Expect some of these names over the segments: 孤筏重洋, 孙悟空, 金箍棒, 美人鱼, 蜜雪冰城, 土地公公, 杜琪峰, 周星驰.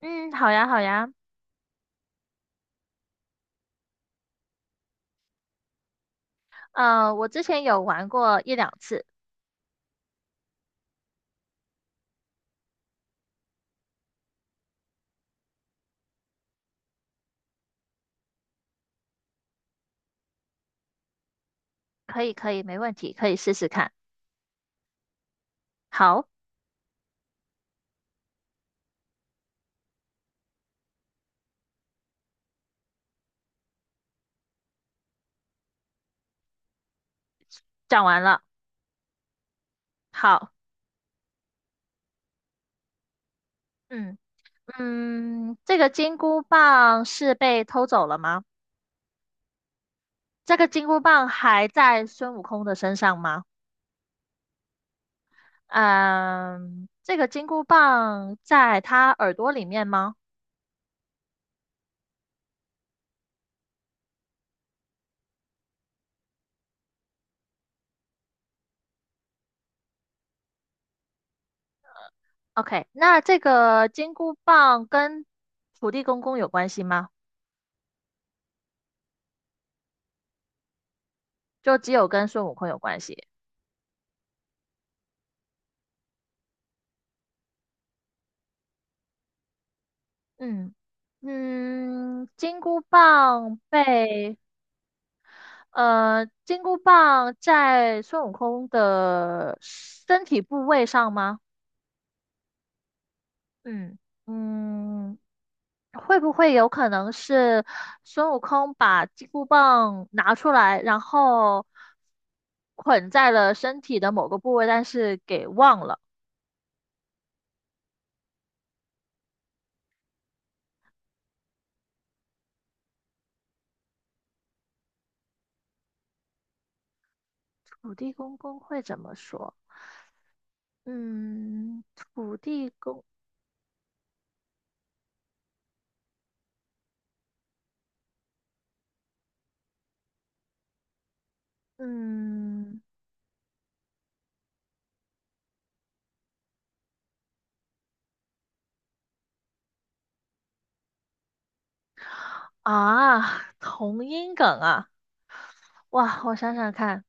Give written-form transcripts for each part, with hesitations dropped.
嗯，好呀，好呀。我之前有玩过一两次。可以，可以，没问题，可以试试看。好，讲完了。好，嗯这个金箍棒是被偷走了吗？这个金箍棒还在孙悟空的身上吗？嗯，这个金箍棒在他耳朵里面吗？OK,那这个金箍棒跟土地公公有关系吗？就只有跟孙悟空有关系。嗯，嗯，金箍棒被金箍棒在孙悟空的身体部位上吗？嗯，嗯，会不会有可能是孙悟空把金箍棒拿出来，然后捆在了身体的某个部位，但是给忘了？土地公公会怎么说？嗯，土地公，嗯。啊，同音梗啊！哇，我想想看，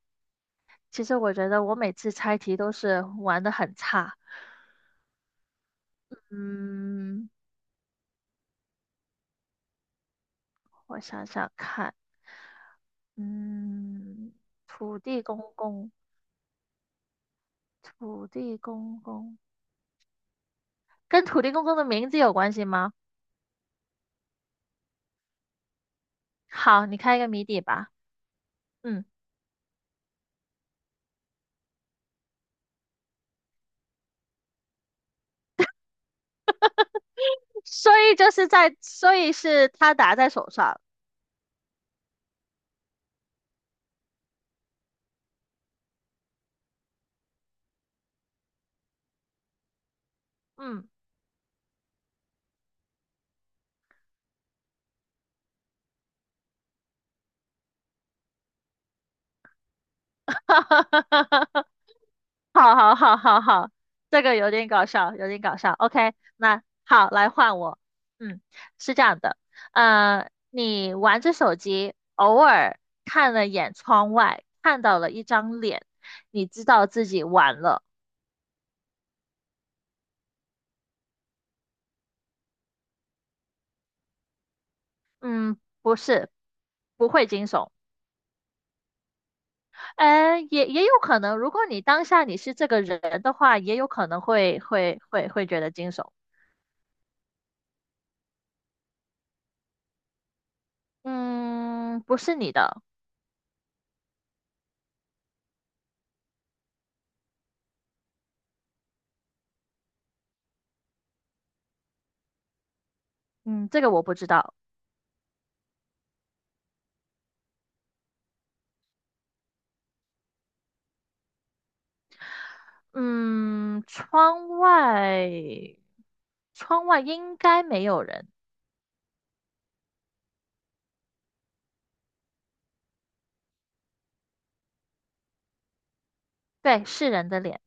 其实我觉得我每次猜题都是玩的很差。嗯，我想想看。嗯，土地公公，土地公公跟土地公公的名字有关系吗？好，你开一个谜底吧。嗯，所以是他打在手上。嗯，好好好好好，这个有点搞笑，有点搞笑。OK,那好，来换我。嗯，是这样的。你玩着手机，偶尔看了眼窗外，看到了一张脸，你知道自己完了。嗯，不是，不会惊悚。也有可能，如果你当下是这个人的话，也有可能会觉得惊悚。嗯，不是你的。嗯，这个我不知道。嗯，窗外应该没有人。对，是人的脸。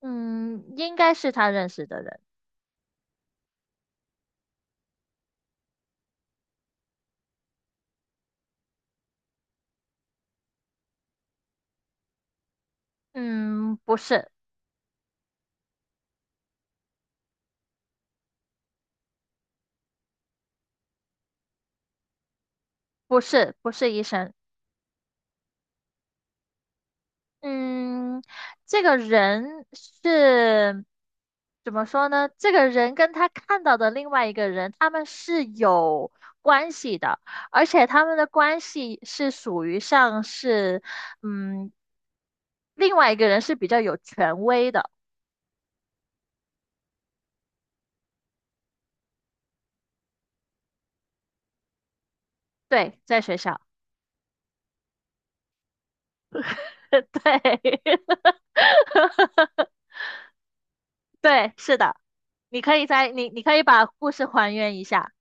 嗯，应该是他认识的人。嗯，不是，不是，不是医生。嗯，这个人是怎么说呢？这个人跟他看到的另外一个人，他们是有关系的，而且他们的关系是属于像是，嗯，另外一个人是比较有权威的。对，在学校。对，对，是的。你可以把故事还原一下。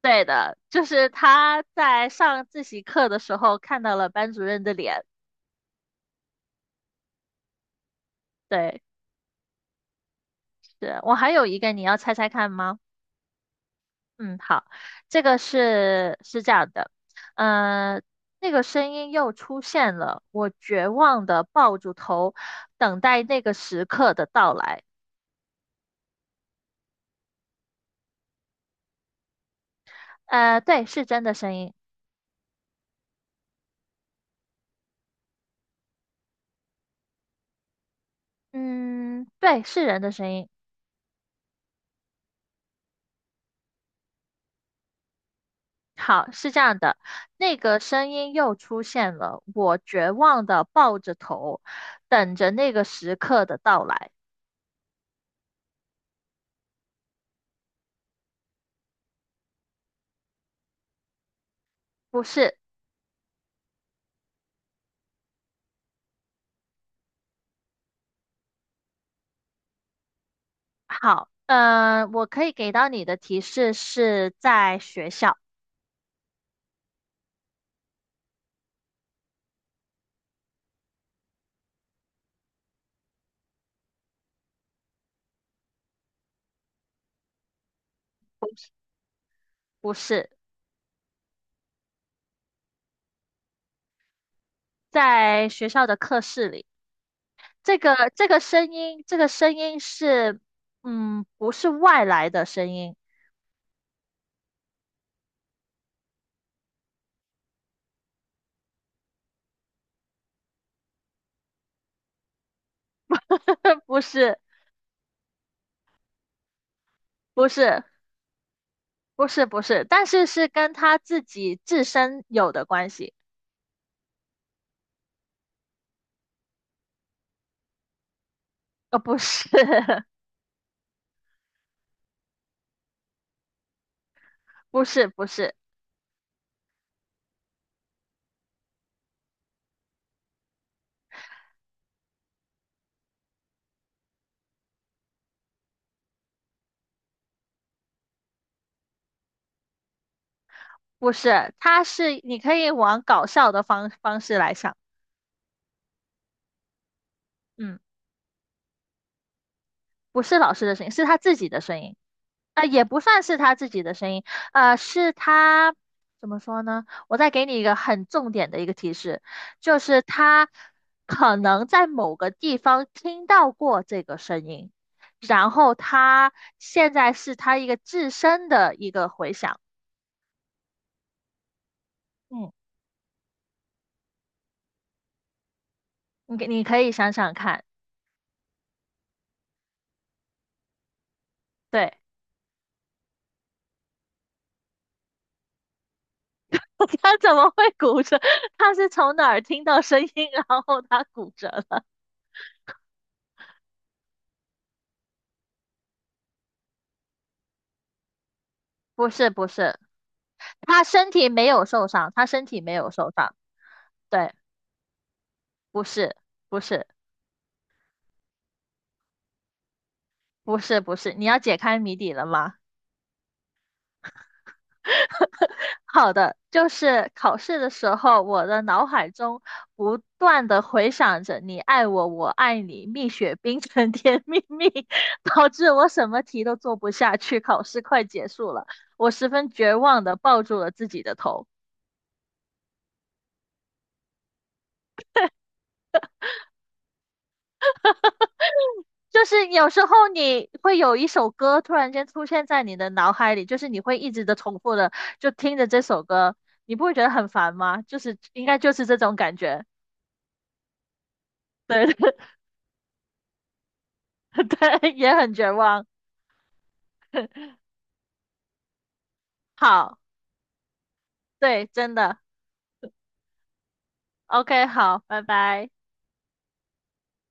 对的，就是他在上自习课的时候看到了班主任的脸。对，是我还有一个，你要猜猜看吗？嗯，好，这个是这样的。呃，那个声音又出现了，我绝望的抱住头，等待那个时刻的到来。对，是真的声音。嗯，对，是人的声音。好，是这样的，那个声音又出现了，我绝望的抱着头，等着那个时刻的到来。不是。好，我可以给到你的提示是在学校，不是在学校的课室里。这个声音，这个声音是，嗯，不是外来的声音。不是，不是。不是，但是是跟他自己自身有的关系。呃，不是，不是，不是，不是，他是你可以往搞笑的方式来想。嗯，不是老师的声音，是他自己的声音。啊，也不算是他自己的声音。是他怎么说呢？我再给你一个很重点的一个提示，就是他可能在某个地方听到过这个声音，然后他现在是他一个自身的一个回响。嗯，你可以想想看。对，他怎么会骨折？他是从哪儿听到声音，然后他骨折了？不是不是，他身体没有受伤，他身体没有受伤。对。不是，不是，不是，不是，你要解开谜底了吗？好的，就是考试的时候，我的脑海中不断的回想着“你爱我，我爱你”，蜜雪冰城甜蜜蜜，导致我什么题都做不下去，考试快结束了，我十分绝望的抱住了自己的头。就是有时候你会有一首歌突然间出现在你的脑海里，就是你会一直的重复的就听着这首歌，你不会觉得很烦吗？就是应该就是这种感觉。对 对，也很绝望。好，对，真的。OK,好，拜拜。